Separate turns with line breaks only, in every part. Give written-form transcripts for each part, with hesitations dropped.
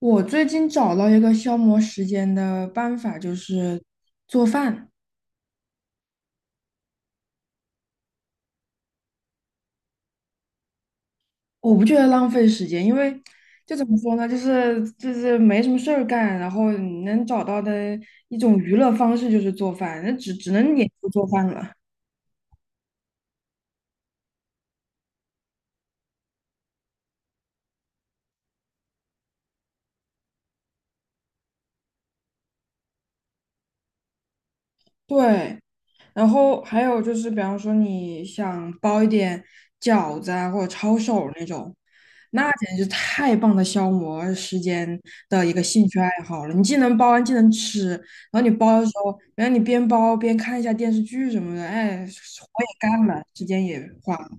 我最近找到一个消磨时间的办法，就是做饭。我不觉得浪费时间，因为就怎么说呢，就是没什么事儿干，然后你能找到的一种娱乐方式就是做饭，那只能研究做饭了。对。然后还有就是，比方说你想包一点饺子啊，或者抄手那种，那简直就太棒的消磨时间的一个兴趣爱好了。你既能包完，既能吃，然后你包的时候，然后你边包边看一下电视剧什么的，哎，活也干了，时间也花了。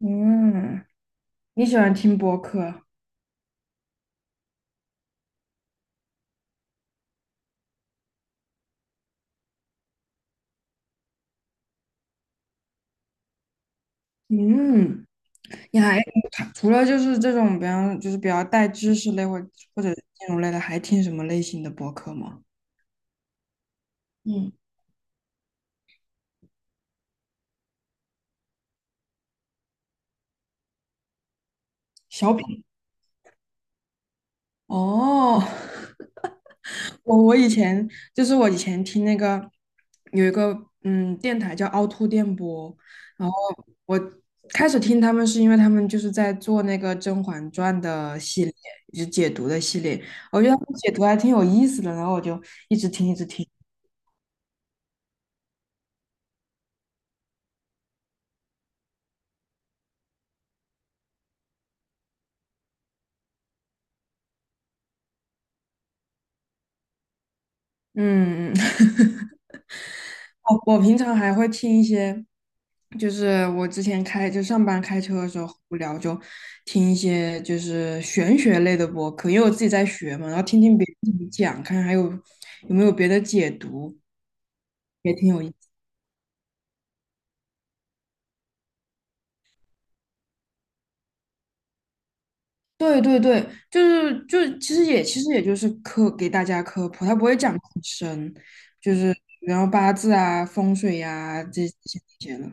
嗯，你喜欢听播客？嗯，你还它除了就是这种，比方就是比较带知识类或者金融类的，还听什么类型的播客吗？嗯，小品。哦，我以前我以前听那个有一个电台叫凹凸电波，然后我开始听他们是因为他们就是在做那个《甄嬛传》的系列，就是解读的系列，我觉得他们解读还挺有意思的，然后我就一直听一直听。嗯，嗯 我平常还会听一些，就是我之前上班开车的时候无聊就听一些就是玄学类的播客，因为我自己在学嘛，然后听听别人怎么讲，看还有有没有别的解读，也挺有意思。对对对，就是就其实也其实也就是科给大家科普，他不会讲得很深，就是然后八字啊、风水呀、这些了。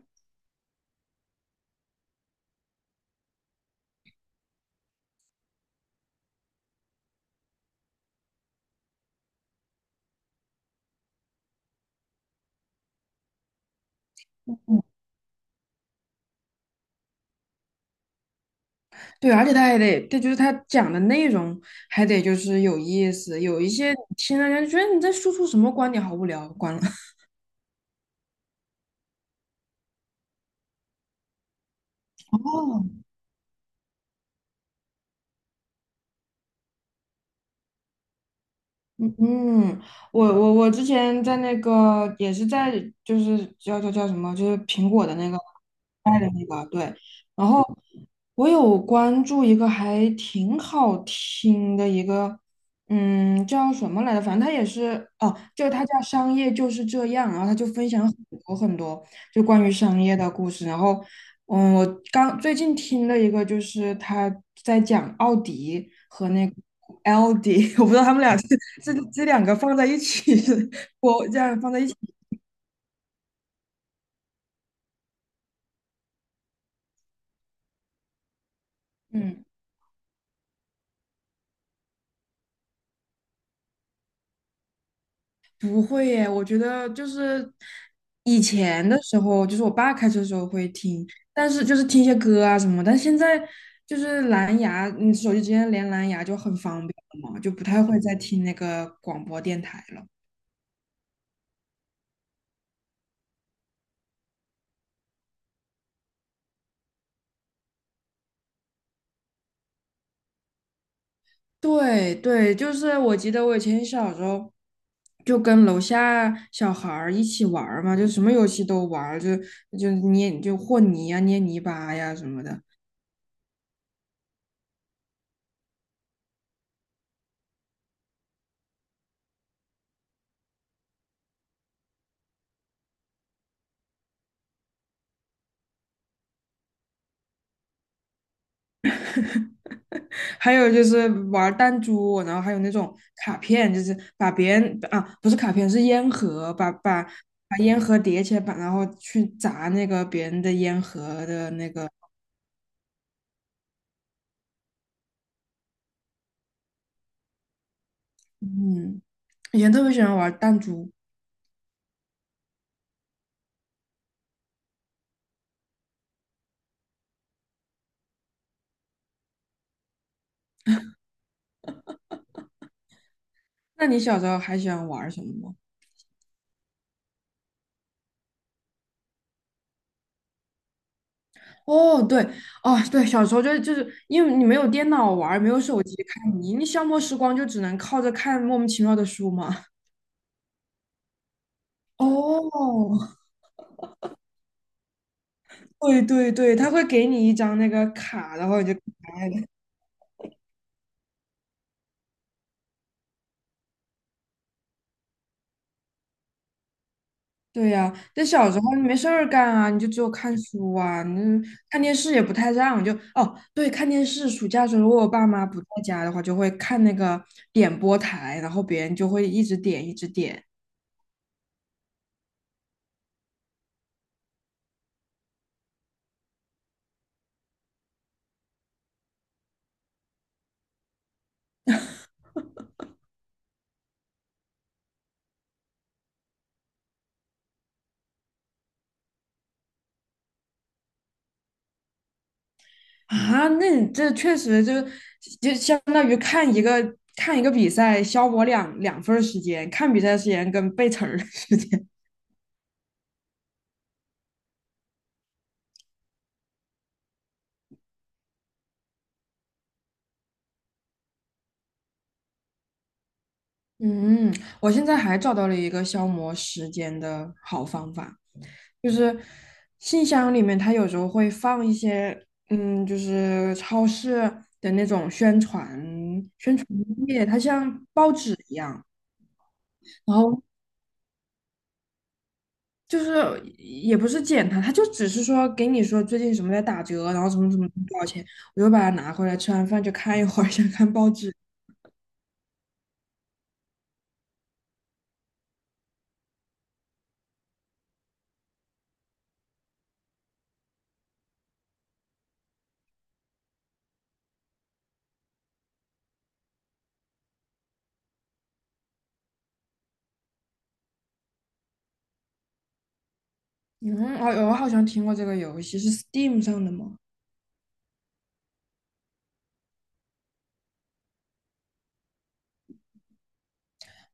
对，而且他还得，他就是他讲的内容还得就是有意思，有一些你听了人家觉得你在输出什么观点，好无聊，关了。嗯，我之前在那个也是在就是叫什么，就是苹果的那个卖的那个对，然后我有关注一个还挺好听的一个，嗯，叫什么来着？反正它也是哦，就它叫《商业就是这样》，然后它就分享很多就关于商业的故事，然后嗯，我刚最近听了一个，就是他在讲奥迪和那个 LD,我不知道他们俩是这两个放在一起是，我这样放在一起，嗯，不会耶，我觉得就是以前的时候，就是我爸开车的时候会听，但是就是听一些歌啊什么，但现在就是蓝牙，你手机直接连蓝牙就很方便了嘛，就不太会再听那个广播电台了。对对，就是我记得我以前小时候就跟楼下小孩儿一起玩儿嘛，就什么游戏都玩儿，就就捏就和泥啊、捏泥巴呀什么的，还有就是玩儿弹珠，然后还有那种卡片，就是把别人啊不是卡片是烟盒，把把烟盒叠起来，把然后去砸那个别人的烟盒的那个，嗯，以前特别喜欢玩儿弹珠。那你小时候还喜欢玩儿什么吗？哦，对，哦，对，小时候就是因为你没有电脑玩儿没有手机看，你消磨时光就只能靠着看莫名其妙的书嘛。哦，对对对，他会给你一张那个卡，然后你就可爱了。对呀、但小时候你没事儿干啊，你就只有看书啊，你看电视也不太让，就哦，对，看电视。暑假的时候，如果我爸妈不在家的话，就会看那个点播台，然后别人就会一直点一直点。啊，那你这确实就就相当于看一个看一个比赛，消磨两份儿时间，看比赛时间跟背词儿的时间。嗯，我现在还找到了一个消磨时间的好方法，就是信箱里面它有时候会放一些，嗯，就是超市的那种宣传页，它像报纸一样。然后。就是也不是捡查，他就只是说给你说最近什么在打折，然后什么什么多少钱，我就把它拿回来，吃完饭就看一会儿，想看报纸。嗯，哦，我好像听过这个游戏，是 Steam 上的吗？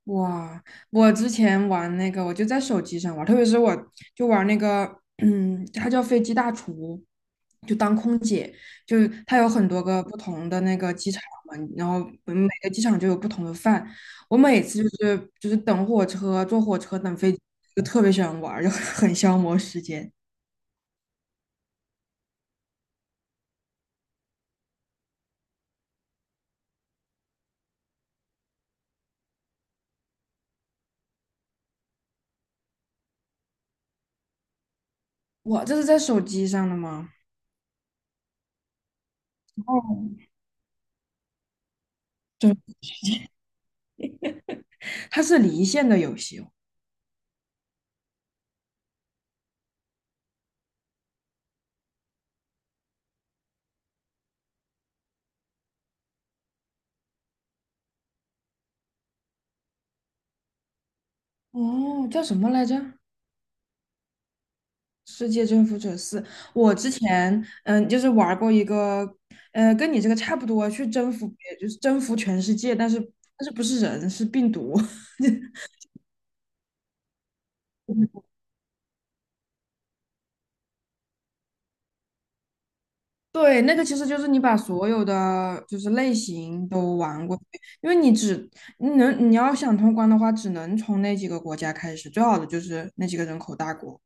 哇，我之前玩那个，我就在手机上玩，特别是我就玩那个，嗯，它叫飞机大厨，就当空姐，就是它有很多个不同的那个机场嘛，然后每个机场就有不同的饭。我每次就是等火车、坐火车、等飞机，就特别喜欢玩儿就很消磨时间。哇，这是在手机上的吗？哦，对，它是离线的游戏哦。哦，叫什么来着？世界征服者四，我之前嗯，就是玩过一个，呃，跟你这个差不多，去征服别，就是征服全世界，但是但是不是人，是病毒。对，那个其实就是你把所有的就是类型都玩过，因为你能你要想通关的话，只能从那几个国家开始，最好的就是那几个人口大国。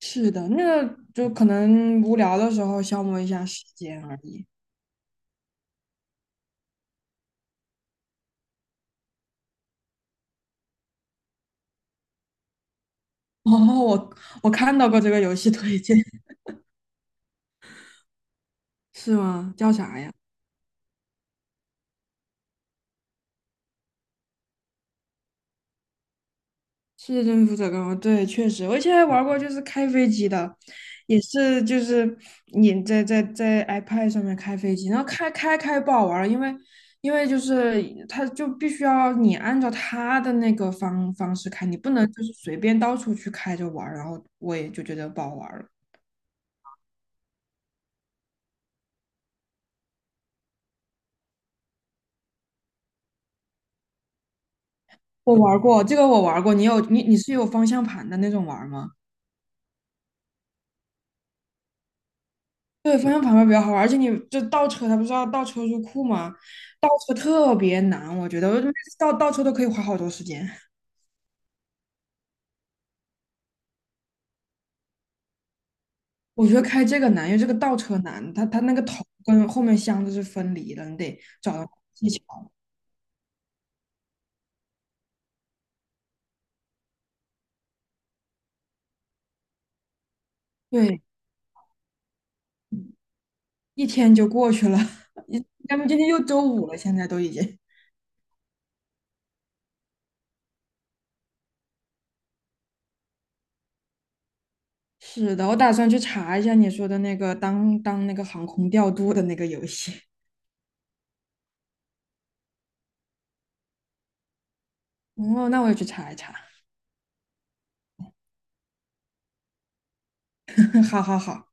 是的，那个就可能无聊的时候消磨一下时间而已。哦，我我看到过这个游戏推荐，是吗？叫啥呀？是征服者刚刚对，确实，我以前还玩过，就是开飞机的，也是就是你在 iPad 上面开飞机，然后开不好玩儿，因为因为就是它就必须要你按照它的那个方式开，你不能就是随便到处去开着玩儿然后我也就觉得不好玩儿了。我玩儿过这个，我玩儿过，你有你是有方向盘的那种玩儿吗？对，方向盘会比较好玩，而且你就倒车，它不是要倒车入库吗？倒车特别难，我觉得我每次倒车都可以花好多时间。我觉得开这个难，因为这个倒车难，它它那个头跟后面箱子是分离的，你得找到技巧。对，一天就过去了，一咱们今天又周五了，现在都已经。是的，我打算去查一下你说的那个当那个航空调度的那个游戏。哦，那我也去查一查。好好好。